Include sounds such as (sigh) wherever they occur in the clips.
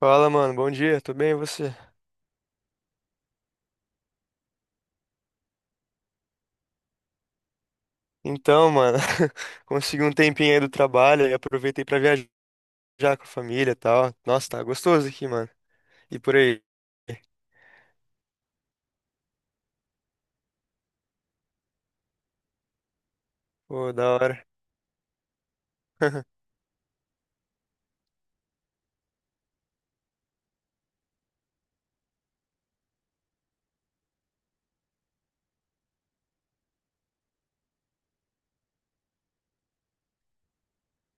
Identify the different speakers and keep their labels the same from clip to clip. Speaker 1: Fala, mano. Bom dia. Tudo bem, e você? Então, mano, (laughs) consegui um tempinho aí do trabalho e aproveitei pra viajar com a família e tal. Nossa, tá gostoso aqui, mano. E por aí? Pô, da hora. (laughs)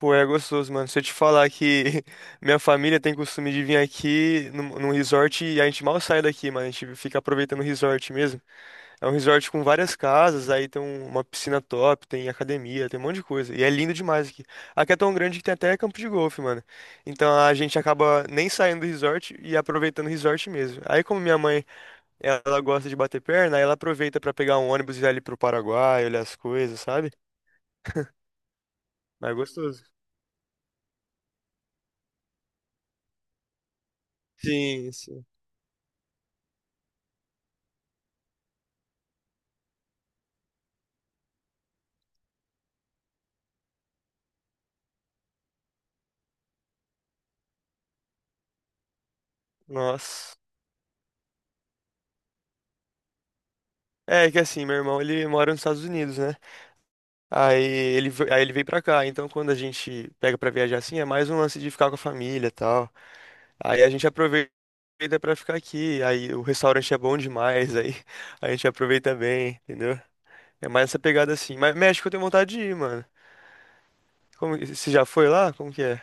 Speaker 1: Pô, é gostoso, mano. Se eu te falar que (laughs) minha família tem costume de vir aqui num resort e a gente mal sai daqui, mano. A gente fica aproveitando o resort mesmo. É um resort com várias casas, aí tem uma piscina top, tem academia, tem um monte de coisa. E é lindo demais aqui. Aqui é tão grande que tem até campo de golfe, mano. Então a gente acaba nem saindo do resort e aproveitando o resort mesmo. Aí como minha mãe, ela gosta de bater perna, aí ela aproveita pra pegar um ônibus e ir ali pro Paraguai, olhar as coisas, sabe? Mas é gostoso. Sim, sim. Nossa. É que assim, meu irmão, ele mora nos Estados Unidos, né? Aí ele veio pra cá. Então quando a gente pega pra viajar assim, é mais um lance de ficar com a família e tal. Aí a gente aproveita pra ficar aqui. Aí o restaurante é bom demais. Aí (laughs) a gente aproveita bem, entendeu? É mais essa pegada assim. Mas México eu tenho vontade de ir, mano. Como, você já foi lá? Como que é?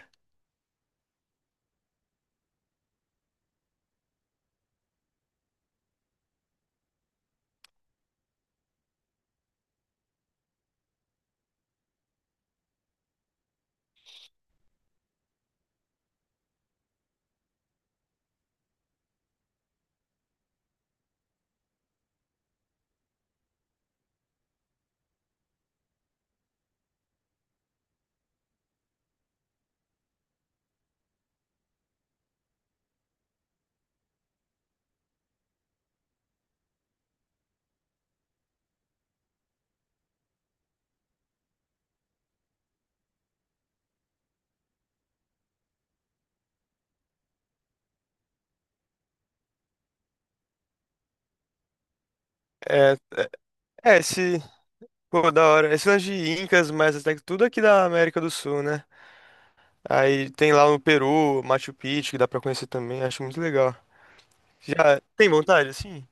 Speaker 1: É, é, é, esse. Pô, da hora. Esse lance de Incas, mas até que tudo aqui da América do Sul, né? Aí tem lá no Peru, Machu Picchu, que dá pra conhecer também. Acho muito legal. Já tem vontade, assim?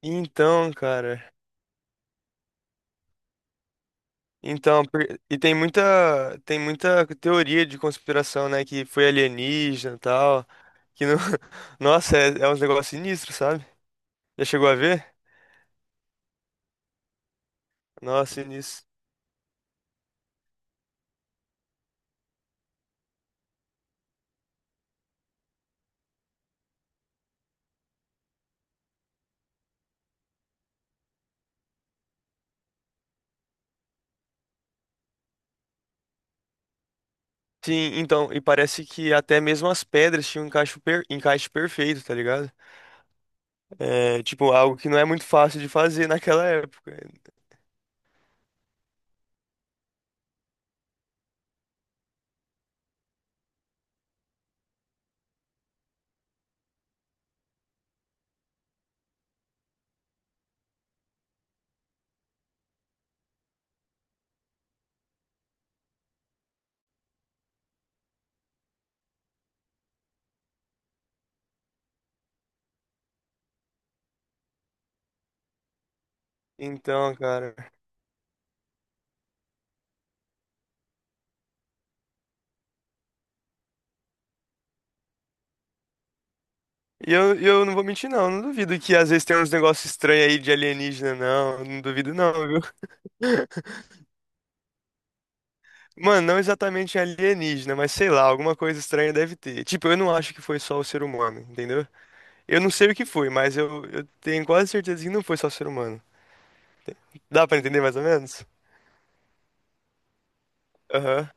Speaker 1: Então, cara. Então, por- e tem muita teoria de conspiração, né? Que foi alienígena e tal. Que não... (laughs) Nossa, é, é uns negócios sinistros, sabe? Já chegou a ver? Nossa, sinistro. Sim, então, e parece que até mesmo as pedras tinham um encaixe perfeito, tá ligado? É, tipo, algo que não é muito fácil de fazer naquela época. Então, cara. E eu não vou mentir, não. Não duvido que às vezes tem uns negócios estranhos aí de alienígena, não. Não duvido, não. Mano, não exatamente alienígena, mas sei lá, alguma coisa estranha deve ter. Tipo, eu não acho que foi só o ser humano, entendeu? Eu não sei o que foi, mas eu tenho quase certeza que não foi só o ser humano. Dá pra entender mais ou menos? Aham.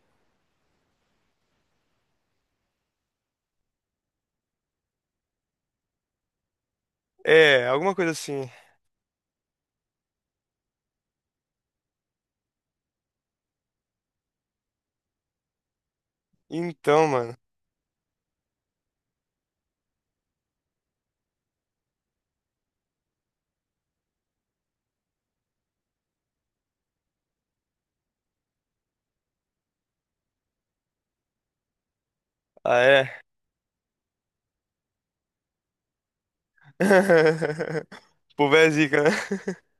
Speaker 1: É, alguma coisa assim. Então, mano. Ah, é? (laughs) O povo é zica, né? (laughs)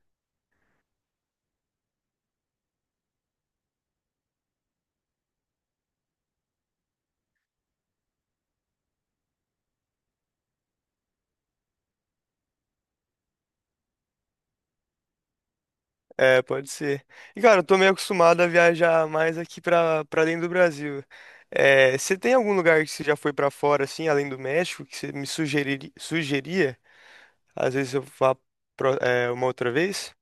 Speaker 1: É, pode ser. E, cara, eu tô meio acostumado a viajar mais aqui pra dentro do Brasil. É, você tem algum lugar que você já foi pra fora, assim, além do México, que você me sugeria? Às vezes eu vá é, uma outra vez.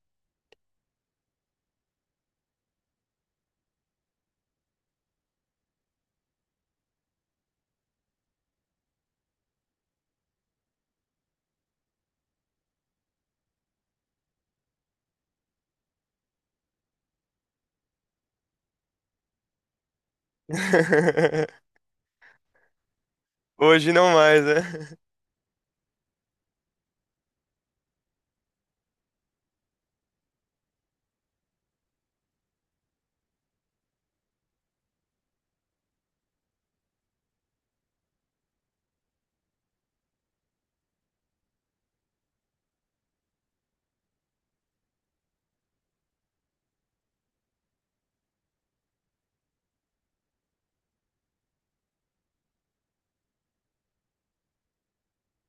Speaker 1: (laughs) Hoje não mais, né?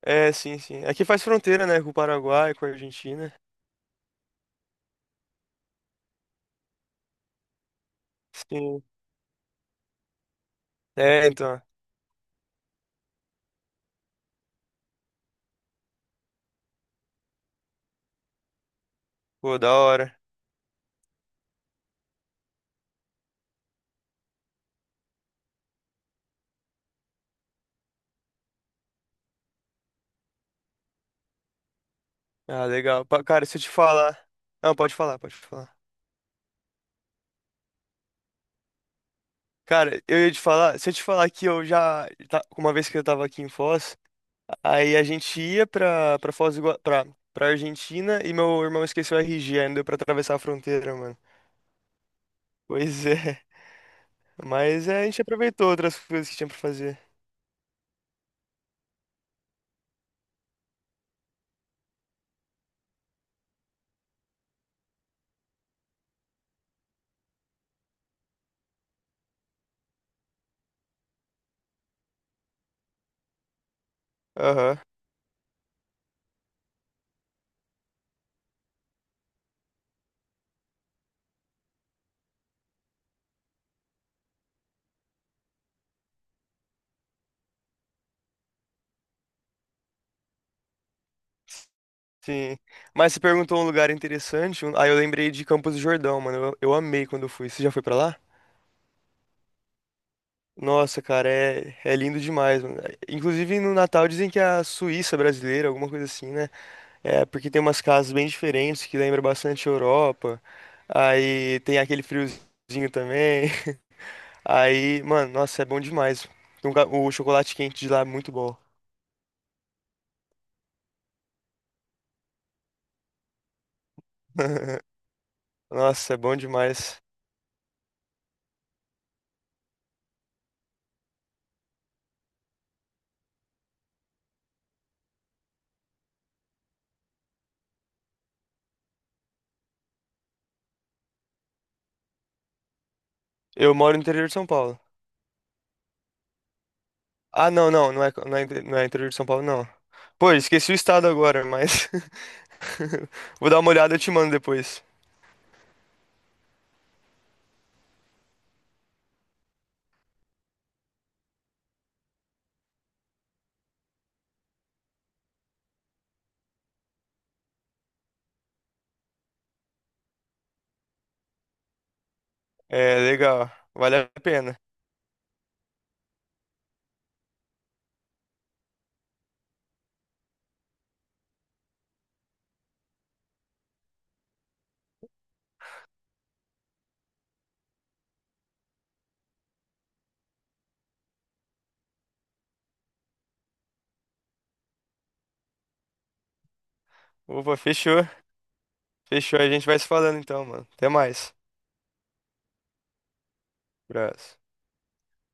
Speaker 1: É, sim, sim. Aqui faz fronteira, né? Com o Paraguai, com a Argentina. Sim. É, então. Pô, da hora. Ah, legal. Cara, se eu te falar. Não, pode falar, pode falar. Cara, eu ia te falar. Se eu te falar que eu uma vez que eu tava aqui em Foz, aí a gente ia pra, pra Argentina e meu irmão esqueceu o RG, aí não deu pra atravessar a fronteira, mano. Pois é. Mas é, a gente aproveitou outras coisas que tinha pra fazer. Aham, sim. Mas você perguntou um lugar interessante. Aí eu lembrei de Campos do Jordão, mano. Eu amei quando eu fui. Você já foi pra lá? Nossa, cara, é, é lindo demais, mano. Inclusive no Natal dizem que é a Suíça brasileira, alguma coisa assim, né? É, porque tem umas casas bem diferentes que lembram bastante a Europa. Aí tem aquele friozinho também. (laughs) Aí, mano, nossa, é bom demais. Tem o chocolate quente de lá é muito bom. (laughs) Nossa, é bom demais. Eu moro no interior de São Paulo. Ah, não, não, não é, não é, não é interior de São Paulo, não. Pô, esqueci o estado agora, mas. (laughs) Vou dar uma olhada e te mando depois. É, legal. Vale a pena. Opa, fechou. Fechou. A gente vai se falando então, mano. Até mais. Abraço.